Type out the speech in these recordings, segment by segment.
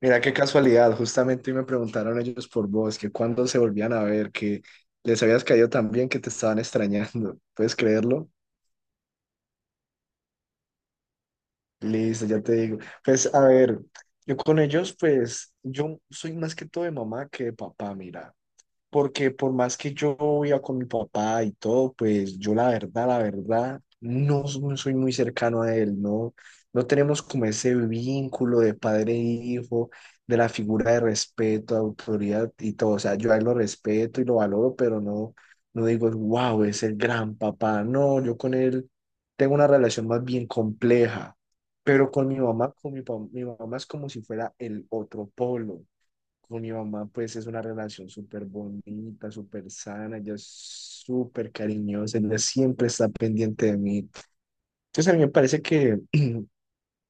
Mira qué casualidad, justamente hoy me preguntaron ellos por vos, que cuándo se volvían a ver, que les habías caído tan bien que te estaban extrañando. ¿Puedes creerlo? Listo, ya te digo. Pues a ver, yo con ellos, pues yo soy más que todo de mamá que de papá, mira. Porque por más que yo viva con mi papá y todo, pues yo la verdad, no, no soy muy cercano a él, ¿no? No tenemos como ese vínculo de padre e hijo, de la figura de respeto, de autoridad y todo. O sea, yo a él lo respeto y lo valoro, pero no, no digo, wow, es el gran papá. No, yo con él tengo una relación más bien compleja. Pero con mi mamá, mi mamá es como si fuera el otro polo. Con mi mamá, pues es una relación súper bonita, súper sana, ella es súper cariñosa, ella siempre está pendiente de mí. Entonces a mí me parece que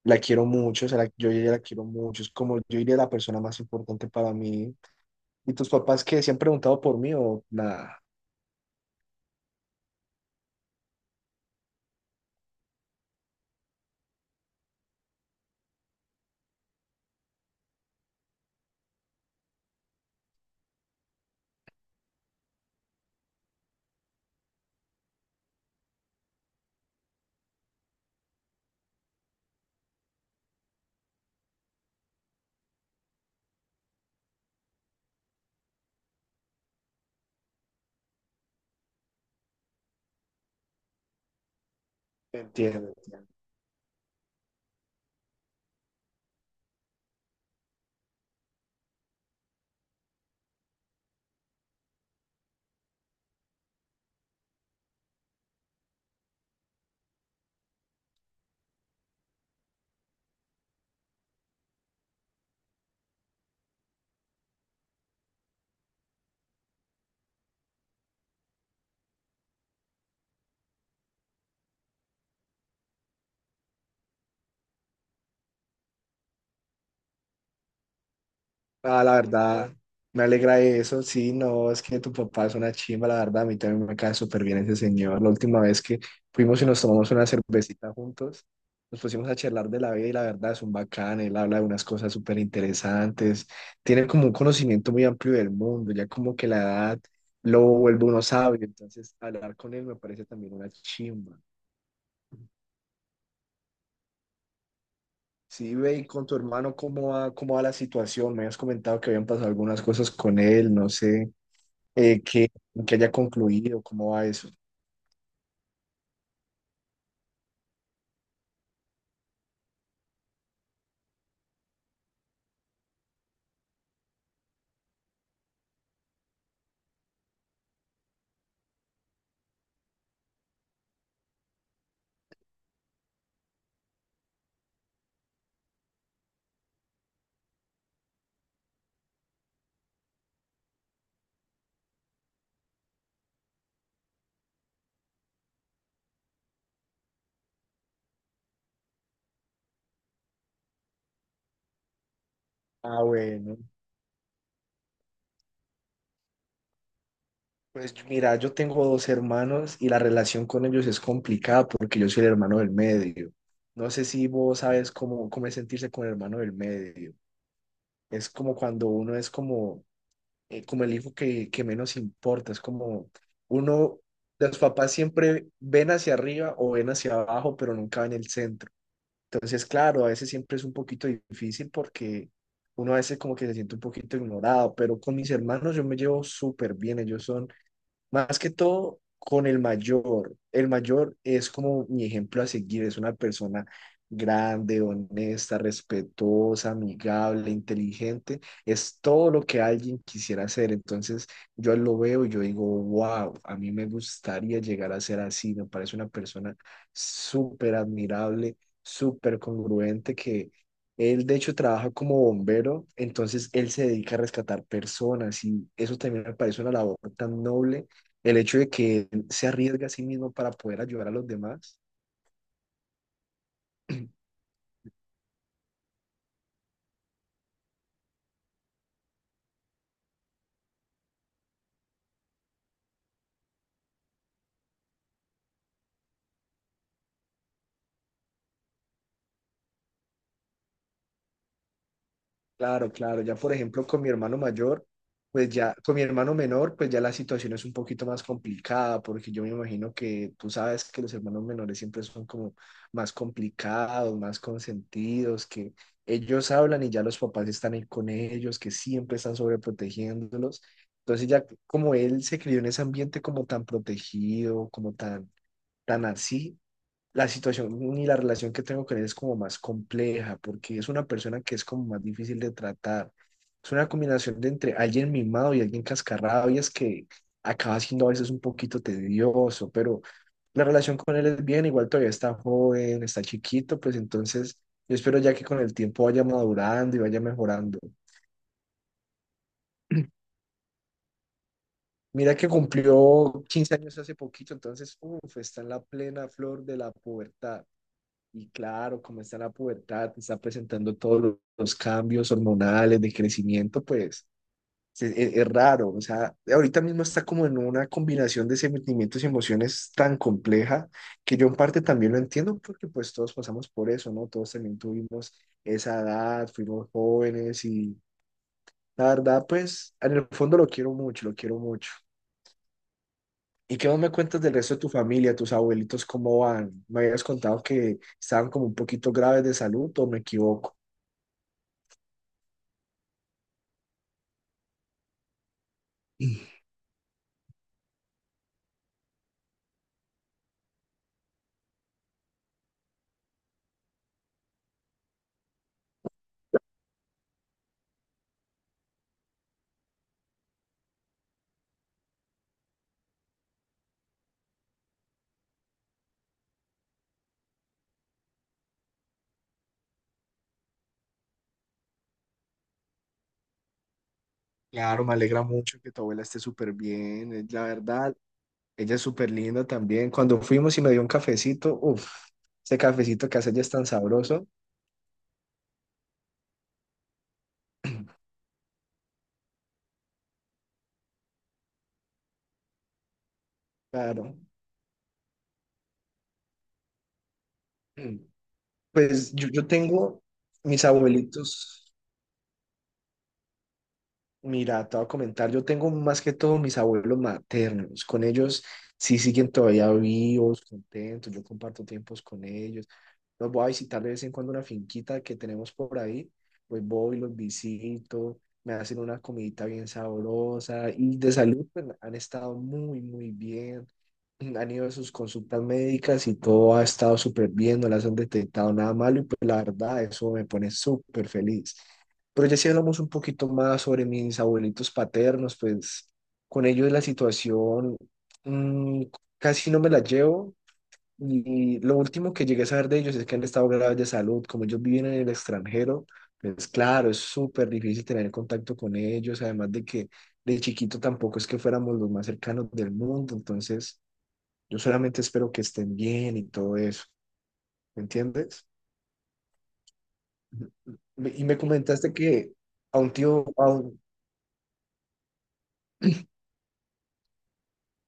la quiero mucho, o sea, yo a ella la quiero mucho, es como yo diría la persona más importante para mí. ¿Y tus papás que se han preguntado por mí o nada? Entiendo, entiendo. Ah, la verdad, me alegra eso. Sí, no, es que tu papá es una chimba, la verdad. A mí también me cae súper bien ese señor. La última vez que fuimos y nos tomamos una cervecita juntos, nos pusimos a charlar de la vida y la verdad es un bacán. Él habla de unas cosas súper interesantes. Tiene como un conocimiento muy amplio del mundo, ya como que la edad lo vuelve uno sabio. Entonces, hablar con él me parece también una chimba. Sí, ve, y con tu hermano, cómo va la situación? Me habías comentado que habían pasado algunas cosas con él, no sé, eh, que, que haya concluido, ¿cómo va eso? Ah, bueno, pues mira, yo tengo dos hermanos y la relación con ellos es complicada porque yo soy el hermano del medio. No sé si vos sabes cómo, cómo es sentirse con el hermano del medio. Es como cuando uno es como como el hijo que menos importa. Es como uno, los papás siempre ven hacia arriba o ven hacia abajo, pero nunca ven el centro. Entonces, claro, a veces siempre es un poquito difícil porque uno a veces como que se siente un poquito ignorado, pero con mis hermanos yo me llevo súper bien. Ellos son más que todo con el mayor. El mayor es como mi ejemplo a seguir, es una persona grande, honesta, respetuosa, amigable, inteligente. Es todo lo que alguien quisiera ser. Entonces yo lo veo y yo digo, wow, a mí me gustaría llegar a ser así. Me parece una persona súper admirable, súper congruente que... Él, de hecho, trabaja como bombero, entonces él se dedica a rescatar personas y eso también me parece una labor tan noble el hecho de que él se arriesga a sí mismo para poder ayudar a los demás. Claro, claro. Ya, por ejemplo, con mi hermano mayor, pues ya, con mi hermano menor, pues ya la situación es un poquito más complicada, porque yo me imagino que tú sabes que los hermanos menores siempre son como más complicados, más consentidos, que ellos hablan y ya los papás están ahí con ellos, que siempre están sobreprotegiéndolos. Entonces ya como él se crió en ese ambiente como tan protegido, como tan, tan así, la situación ni la relación que tengo con él es como más compleja, porque es una persona que es como más difícil de tratar. Es una combinación de entre alguien mimado y alguien cascarrado, y es que acaba siendo a veces un poquito tedioso, pero la relación con él es bien, igual todavía está joven, está chiquito, pues entonces yo espero ya que con el tiempo vaya madurando y vaya mejorando. Mira que cumplió 15 años hace poquito, entonces, uff está en la plena flor de la pubertad. Y claro, como está en la pubertad, está presentando todos los cambios hormonales de crecimiento, pues es, raro. O sea, ahorita mismo está como en una combinación de sentimientos y emociones tan compleja que yo en parte también lo entiendo porque pues todos pasamos por eso, ¿no? Todos también tuvimos esa edad, fuimos jóvenes y la verdad, pues en el fondo lo quiero mucho, lo quiero mucho. ¿Y qué más me cuentas del resto de tu familia, tus abuelitos, cómo van? Me habías contado que estaban como un poquito graves de salud, ¿o me equivoco? Claro, me alegra mucho que tu abuela esté súper bien, es la verdad. Ella es súper linda también. Cuando fuimos y me dio un cafecito, uff, ese cafecito que hace ella es tan sabroso. Claro. Pues yo tengo mis abuelitos. Mira, te voy a comentar, yo tengo más que todo mis abuelos maternos, con ellos sí siguen todavía vivos, contentos, yo comparto tiempos con ellos, los voy a visitar de vez en cuando una finquita que tenemos por ahí, pues voy, los visito, me hacen una comidita bien sabrosa y de salud pues, han estado muy, muy bien, han ido a sus consultas médicas y todo ha estado súper bien, no las han detectado nada malo y pues la verdad eso me pone súper feliz. Pero ya si hablamos un poquito más sobre mis abuelitos paternos, pues con ellos la situación mm, casi no me la llevo. Y lo último que llegué a saber de ellos es que han estado graves de salud. Como ellos viven en el extranjero, pues claro, es súper difícil tener contacto con ellos. Además de que de chiquito tampoco es que fuéramos los más cercanos del mundo. Entonces, yo solamente espero que estén bien y todo eso. ¿Me entiendes? Ujú. Y me comentaste que a un tío,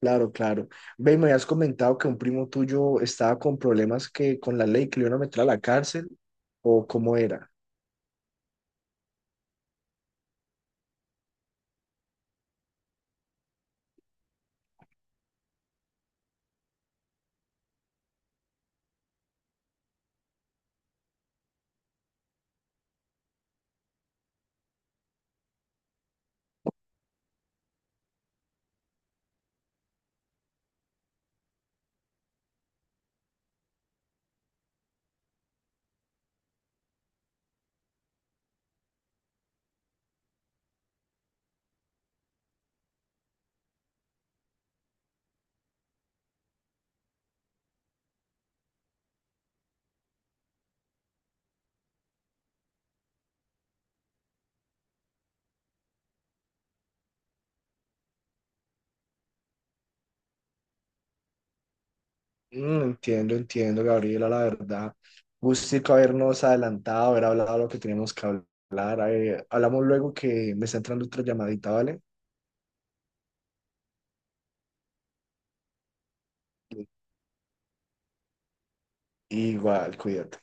claro, claro. Ve, me habías comentado que un primo tuyo estaba con problemas que con la ley que le iban a meter a la cárcel, o cómo era. Mm, entiendo, entiendo, Gabriela, la verdad. Gustico habernos adelantado, haber hablado lo que teníamos que hablar. Hablamos luego que me está entrando otra llamadita, ¿vale? Igual, cuídate.